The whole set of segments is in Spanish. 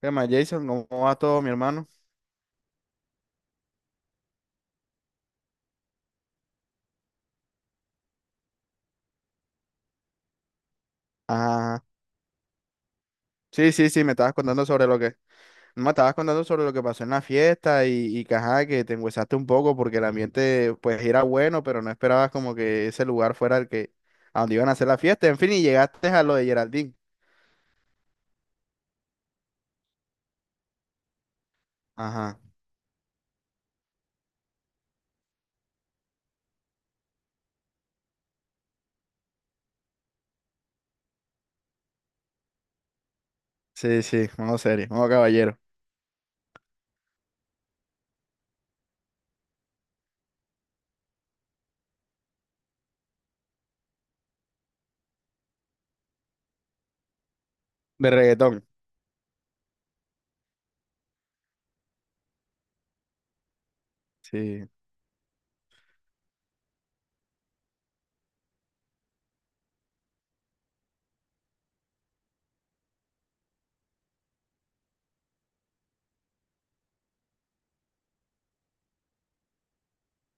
¿Qué más, Jason? ¿Cómo va todo, mi hermano? Ah, sí, sí, sí, me estabas contando sobre lo que... Me estabas contando sobre lo que pasó en la fiesta y que, ajá, que te enguesaste un poco porque el ambiente, pues, era bueno, pero no esperabas como que ese lugar fuera el que... a donde iban a hacer la fiesta. En fin, y llegaste a lo de Geraldine. Ajá, sí, sí, modo serio, modo caballero. De reggaetón. Sí,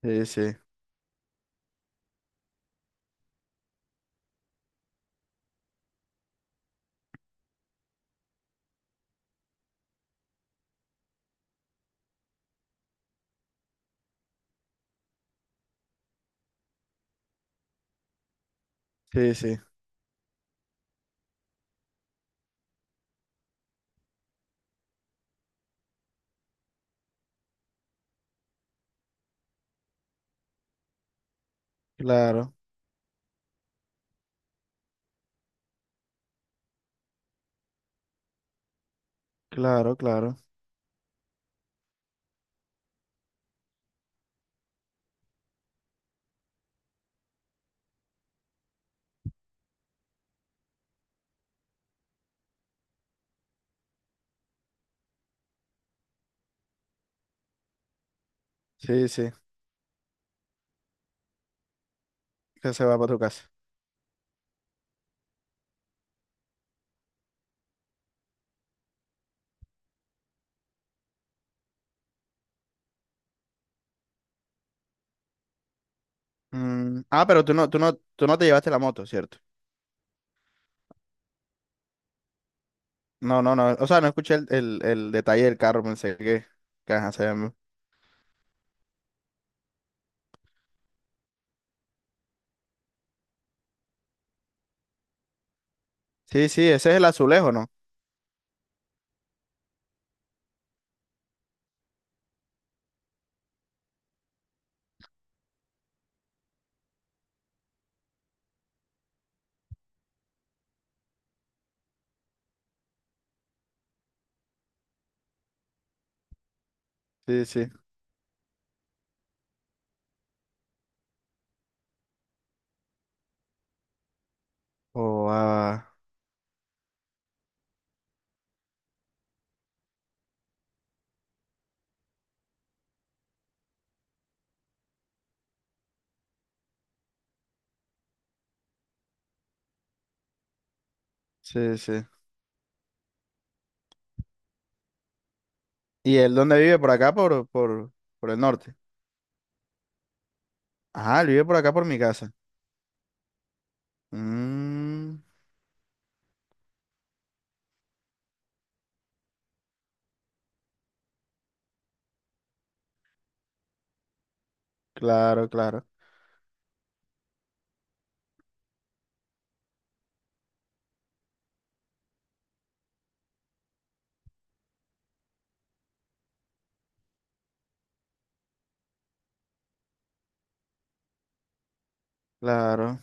sí, sí, sí, sí. Claro, claro, claro. Sí, sí, que se va para tu casa. Mm, ah, pero tú no te llevaste la moto, ¿cierto? No, no, no. O sea, no escuché el detalle del carro, pensé que ajá, se llama. Sí, sí, ese es el azulejo, ¿no? Sí, sí. Oh, ah, sí, sí. ¿Y él dónde vive? ¿Por acá? ¿Por el norte? Ah, él vive por acá, por mi casa. Mm, claro, claro, claro.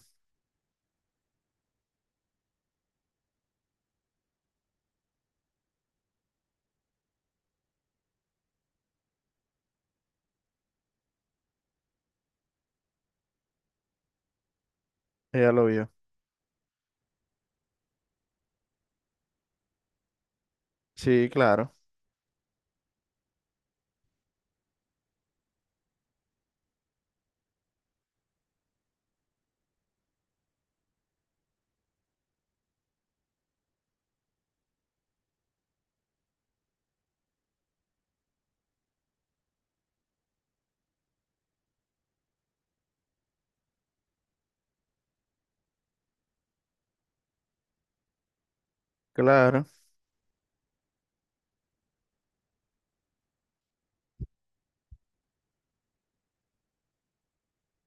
Ella lo vio. Sí, claro, claro.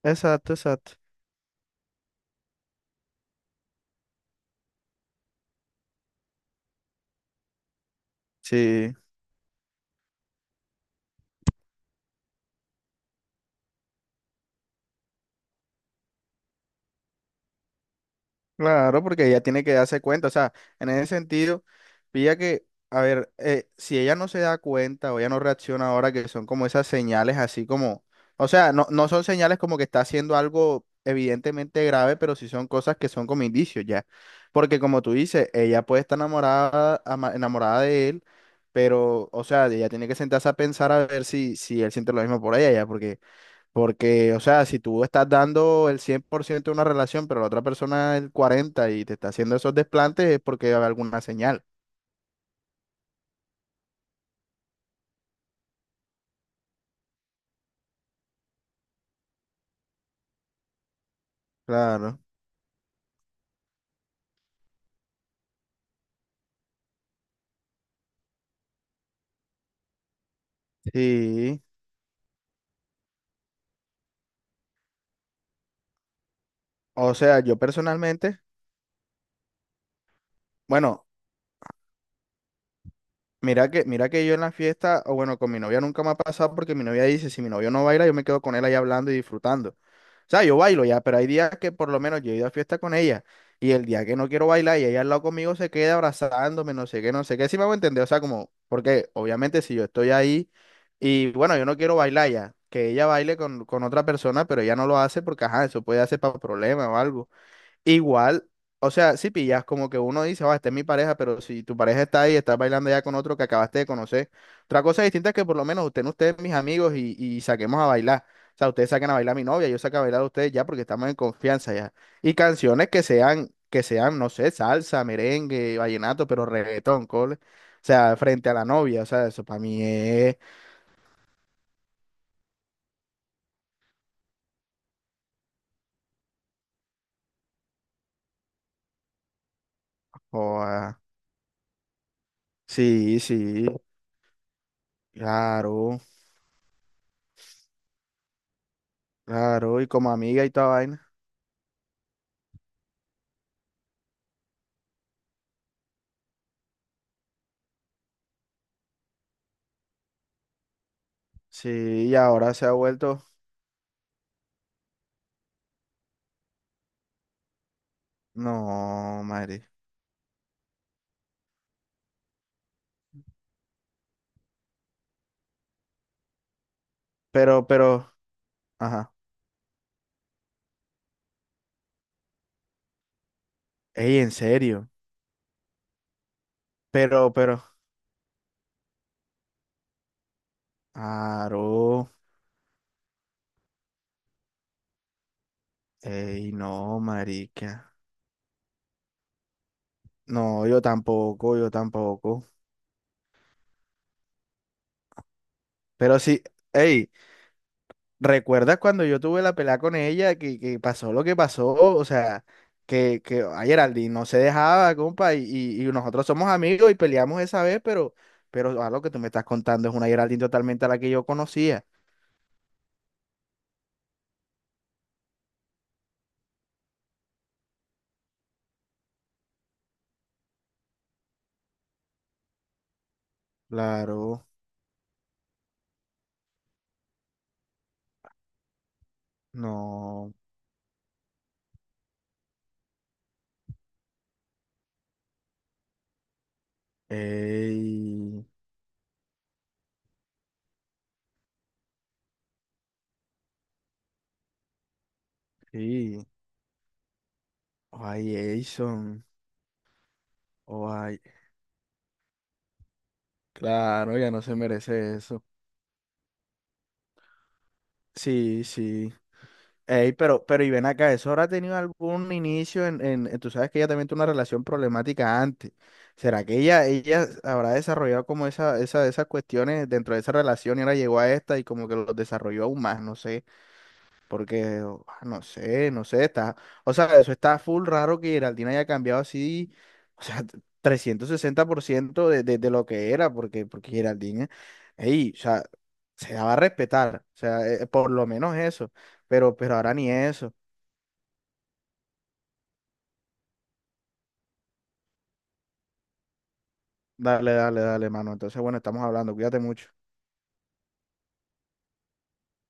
Exacto, exacto. Sí. Claro, porque ella tiene que darse cuenta, o sea, en ese sentido, pilla que, a ver, si ella no se da cuenta o ella no reacciona ahora, que son como esas señales así como, o sea, no, no son señales como que está haciendo algo evidentemente grave, pero sí son cosas que son como indicios ya, porque como tú dices, ella puede estar enamorada, ama- enamorada de él, pero, o sea, ella tiene que sentarse a pensar a ver si, si él siente lo mismo por ella ya, porque... Porque, o sea, si tú estás dando el 100% de una relación, pero la otra persona el 40% y te está haciendo esos desplantes, es porque hay alguna señal. Claro. Sí. O sea, yo personalmente, bueno, mira que, mira que yo en la fiesta, o bueno, con mi novia nunca me ha pasado porque mi novia dice, si mi novio no baila, yo me quedo con él ahí hablando y disfrutando. O sea, yo bailo ya, pero hay días que por lo menos yo he ido a fiesta con ella y el día que no quiero bailar y ella al lado conmigo se queda abrazándome, no sé qué, no sé qué, si me hago entender, o sea, como, porque obviamente si yo estoy ahí y bueno, yo no quiero bailar ya, que ella baile con otra persona, pero ella no lo hace porque, ajá, eso puede hacer para problemas o algo. Igual, o sea, si pillas, como que uno dice, va, esta es mi pareja, pero si tu pareja está ahí, estás bailando ya con otro que acabaste de conocer. Otra cosa distinta es que por lo menos usted, no ustedes, mis amigos, y saquemos a bailar. O sea, ustedes saquen a bailar a mi novia, yo saco a bailar a ustedes ya porque estamos en confianza ya. Y canciones que sean, no sé, salsa, merengue, vallenato, pero reggaetón, cole. O sea, frente a la novia, o sea, eso para mí es. Joda. Sí, sí, claro, claro, y como amiga y toda vaina. Sí, y ahora se ha vuelto. No, madre. Pero, ajá. Ey, en serio. Pero, pero. Aro. Ey, no, marica. No, yo tampoco, yo tampoco. Pero sí, ey, ¿recuerdas cuando yo tuve la pelea con ella que pasó lo que pasó? O sea, que a Geraldine no se dejaba, compa, y nosotros somos amigos y peleamos esa vez, pero a lo que tú me estás contando es una Geraldine totalmente a la que yo conocía. Claro, no. Ey. Sí. Ay, Jason. Ay, claro, ya no se merece eso. Sí, sí. Ey, pero y ven acá, ¿eso habrá tenido algún inicio tú sabes que ella también tuvo una relación problemática antes? ¿Será que ella habrá desarrollado como esa, esas cuestiones dentro de esa relación y ahora llegó a esta y como que los desarrolló aún más? No sé. Porque, ah, no sé, no sé, está, o sea, eso está full raro que Geraldine haya cambiado así, o sea, 360% de lo que era, porque, porque Geraldine, ey, o sea, se daba a respetar, o sea, por lo menos eso, pero ahora ni eso. Dale, dale, dale, mano. Entonces, bueno, estamos hablando, cuídate mucho.